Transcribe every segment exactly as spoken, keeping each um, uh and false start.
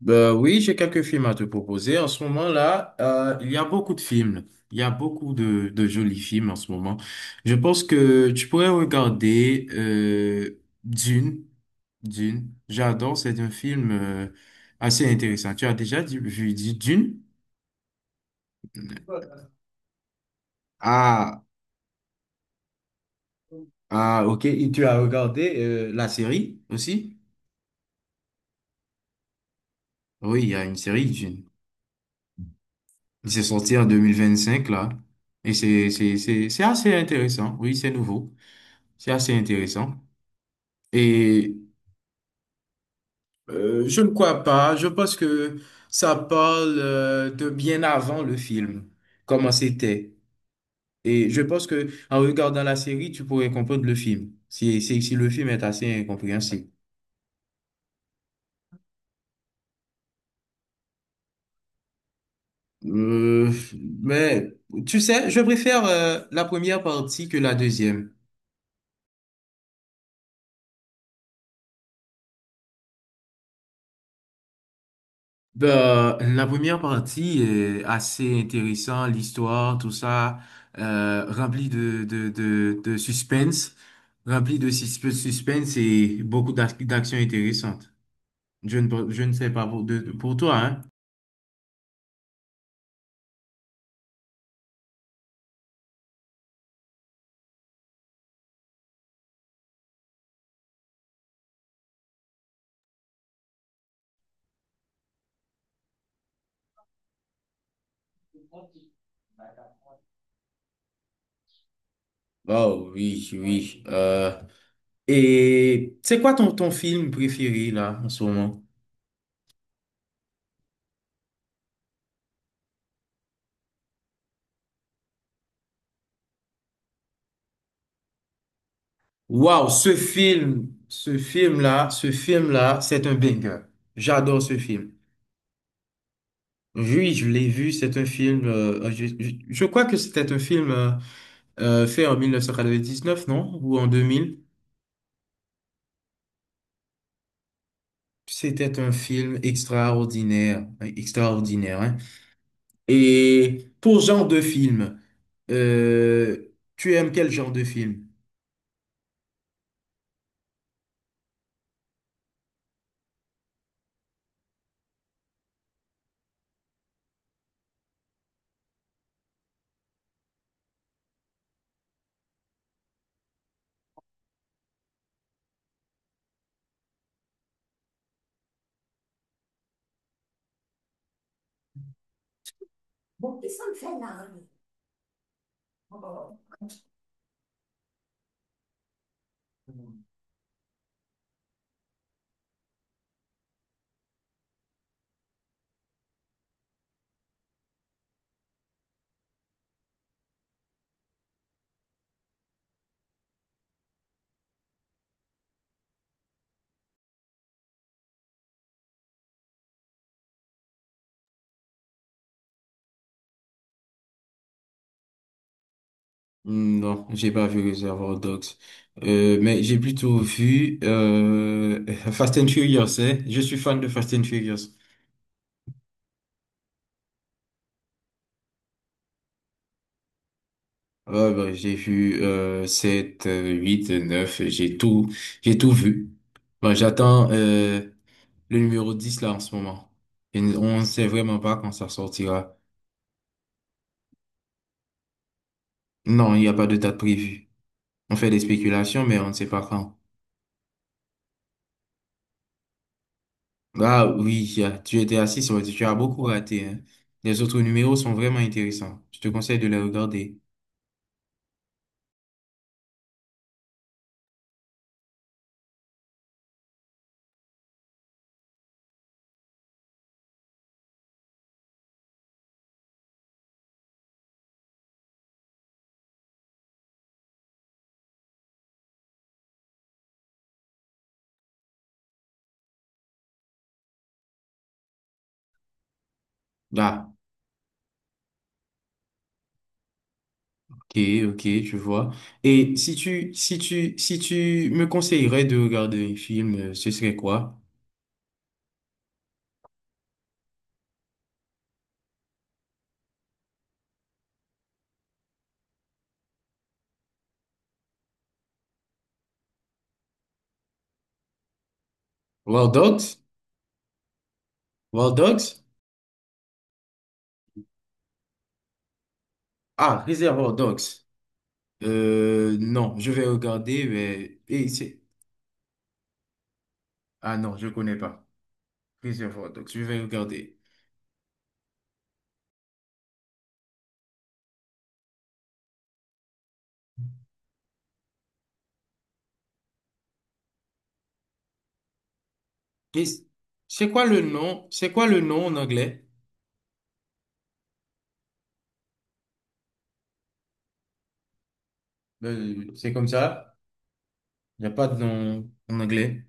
Ben oui, j'ai quelques films à te proposer. En ce moment-là, euh, il y a beaucoup de films. Il y a beaucoup de, de jolis films en ce moment. Je pense que tu pourrais regarder euh, Dune. Dune. J'adore. C'est un film euh, assez intéressant. Tu as déjà dit- vu dit Dune? Ah, ah, ok. Et tu as regardé euh, la série aussi? Oui, il y a une série Dune. Il s'est sorti en deux mille vingt-cinq là. Et c'est c'est c'est c'est assez intéressant. Oui, c'est nouveau. C'est assez intéressant. Et euh, je ne crois pas. Je pense que ça parle euh, de bien avant le film, comment c'était. Et je pense que en regardant la série, tu pourrais comprendre le film, si, si, si le film est assez incompréhensible. Euh, mais tu sais, je préfère euh, la première partie que la deuxième. Ben, la première partie est assez intéressante, l'histoire, tout ça, euh, rempli de, de, de, de suspense, rempli de sus- suspense et beaucoup d'ac- d'actions intéressantes. Je ne, pe- je ne sais pas pour, de, pour toi, hein? Oh oui, oui. Euh, et c'est quoi ton, ton film préféré là en ce moment? Waouh, ce film, ce film là, ce film là, c'est un banger. J'adore ce film. Oui, je l'ai vu, c'est un film, euh, je, je- je crois que c'était un film euh, euh, fait en mille neuf cent quatre-vingt-dix-neuf, non? Ou en vingt cents. C'était un film extraordinaire, euh, extraordinaire, hein. Et pour genre de film, euh, tu aimes quel genre de film? Hmm, Non, j'ai pas vu Reservoir Dogs. Euh, mais j'ai plutôt vu euh, Fast and Furious, hein. Je suis fan de Fast and Furious. Ouais, bah, j'ai vu euh, sept, euh, huit, euh, neuf, euh, j'ai tout, j'ai tout vu. Bah, j'attends euh, le numéro dix là en ce moment. Et n- on ne sait vraiment pas quand ça sortira. Non, il n'y a pas de date prévue. On fait des spéculations, mais on ne sait pas quand. Ah oui, y tu étais assis, ça veut dire que tu as beaucoup raté, hein. Les autres numéros sont vraiment intéressants. Je te conseille de les regarder. Ah, ok, ok, je vois. Et si tu, si tu, si tu me conseillerais de regarder un film, euh, ce serait quoi? War Dogs? War Dogs? Ah, Reservoir Dogs. Euh, non, je vais regarder, mais... et c'est- Ah non, je connais pas. Reservoir Dogs, je vais regarder. Et c- c'est quoi le nom? C'est quoi le nom en anglais? Euh, c'est comme ça? Il n'y a pas de nom en anglais?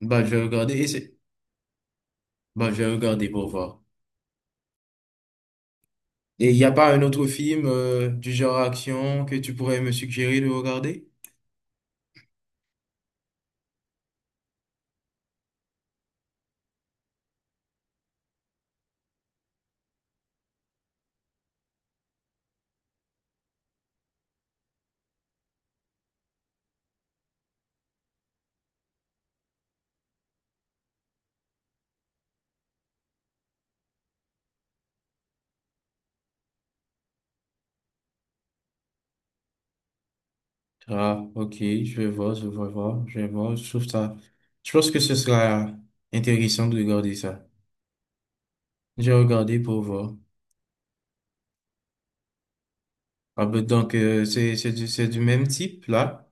Bah, je vais regarder. Et c'est... Bah, je vais regarder pour voir. Et il n'y a pas un autre film euh, du genre action que tu pourrais me suggérer de regarder? Ah, ok, je vais voir, je vais voir, je vais voir. Je trouve ça. Je pense que ce sera intéressant de regarder ça. J'ai regardé pour voir. Ah, ben, donc, euh, c'est, c'est du, c'est du même type, là.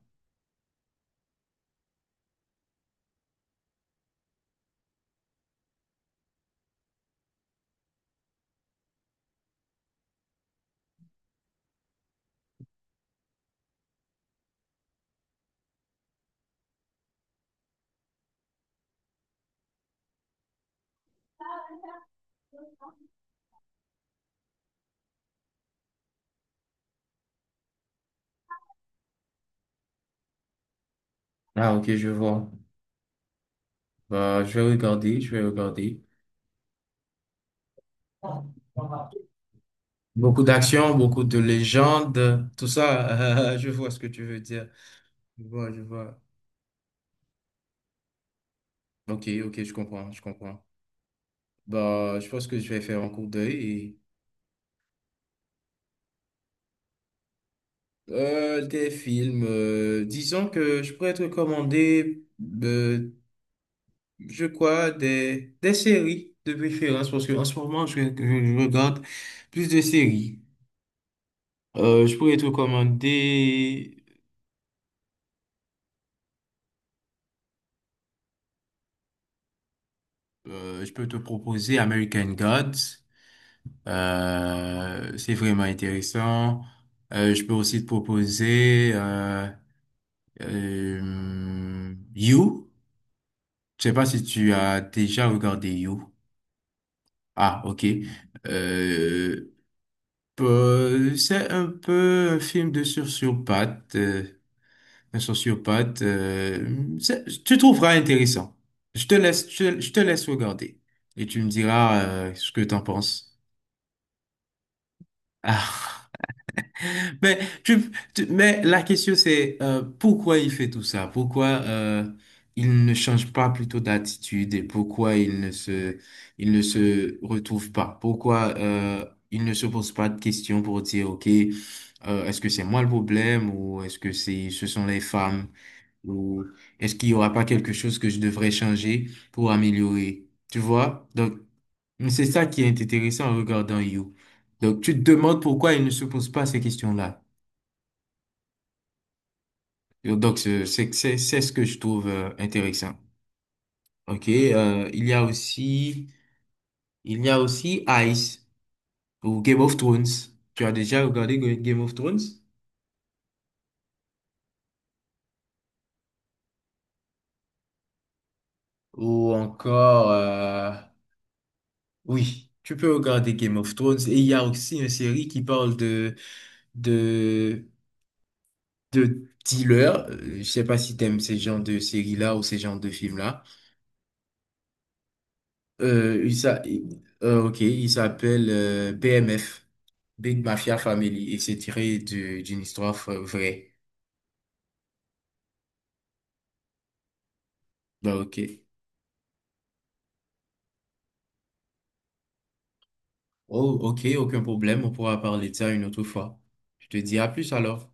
Ah, ok, je vois. Bah, je vais regarder, je vais regarder. Beaucoup d'action, beaucoup de légendes, tout ça. Je vois ce que tu veux dire. Je vois, je vois. Ok, ok, je comprends, je comprends. Bah, je pense que je vais faire un coup d'œil. Euh, des films, euh, disons que je pourrais te recommander, euh, je crois, des, des séries de préférence, parce qu'en ce moment, je, je- je regarde plus de séries. Euh, je pourrais te recommander, euh, je peux te proposer American Gods, euh, c'est vraiment intéressant. Euh, je peux aussi te proposer euh, euh, You, je sais pas si tu as déjà regardé You. Ah, ok. Euh, peu- c'est un peu un film de sociopathe, euh, un sociopathe. Euh, c'est- tu trouveras intéressant. Je te laisse, je te, je te laisse regarder et tu me diras euh, ce que t'en penses. Ah. Mais, tu, tu- mais la question c'est euh, pourquoi il fait tout ça? Pourquoi euh, il ne change pas plutôt d'attitude et pourquoi il ne se, il ne se retrouve pas? Pourquoi euh, il ne se pose pas de questions pour dire, OK, euh, est-ce que c'est moi le problème ou est-ce que c'est, ce sont les femmes ou est-ce qu'il y aura pas quelque chose que je devrais changer pour améliorer? Tu vois? Donc, c'est ça qui est intéressant en regardant You. Donc, tu te demandes pourquoi il ne se pose pas ces questions-là. Donc, c'est c'est c'est- c'est ce que je trouve euh, intéressant. OK, euh, il y a aussi il y a aussi Ice ou Game of Thrones. Tu as déjà regardé Ga- Game of Thrones? Ou encore euh, oui, tu peux regarder Game of Thrones et il y a aussi une série qui parle de de de dealers. Euh, Je sais pas si t'aimes ces genres de séries-là ou ces genres de films-là. Euh, il s'a- il- euh, ok, il s'appelle euh, B M F, Big Mafia Family, et c'est tiré de- d'une histoire fra- vraie. Bah, ok. Oh, ok, aucun problème, on pourra parler de ça une autre fois. Je te dis à plus alors.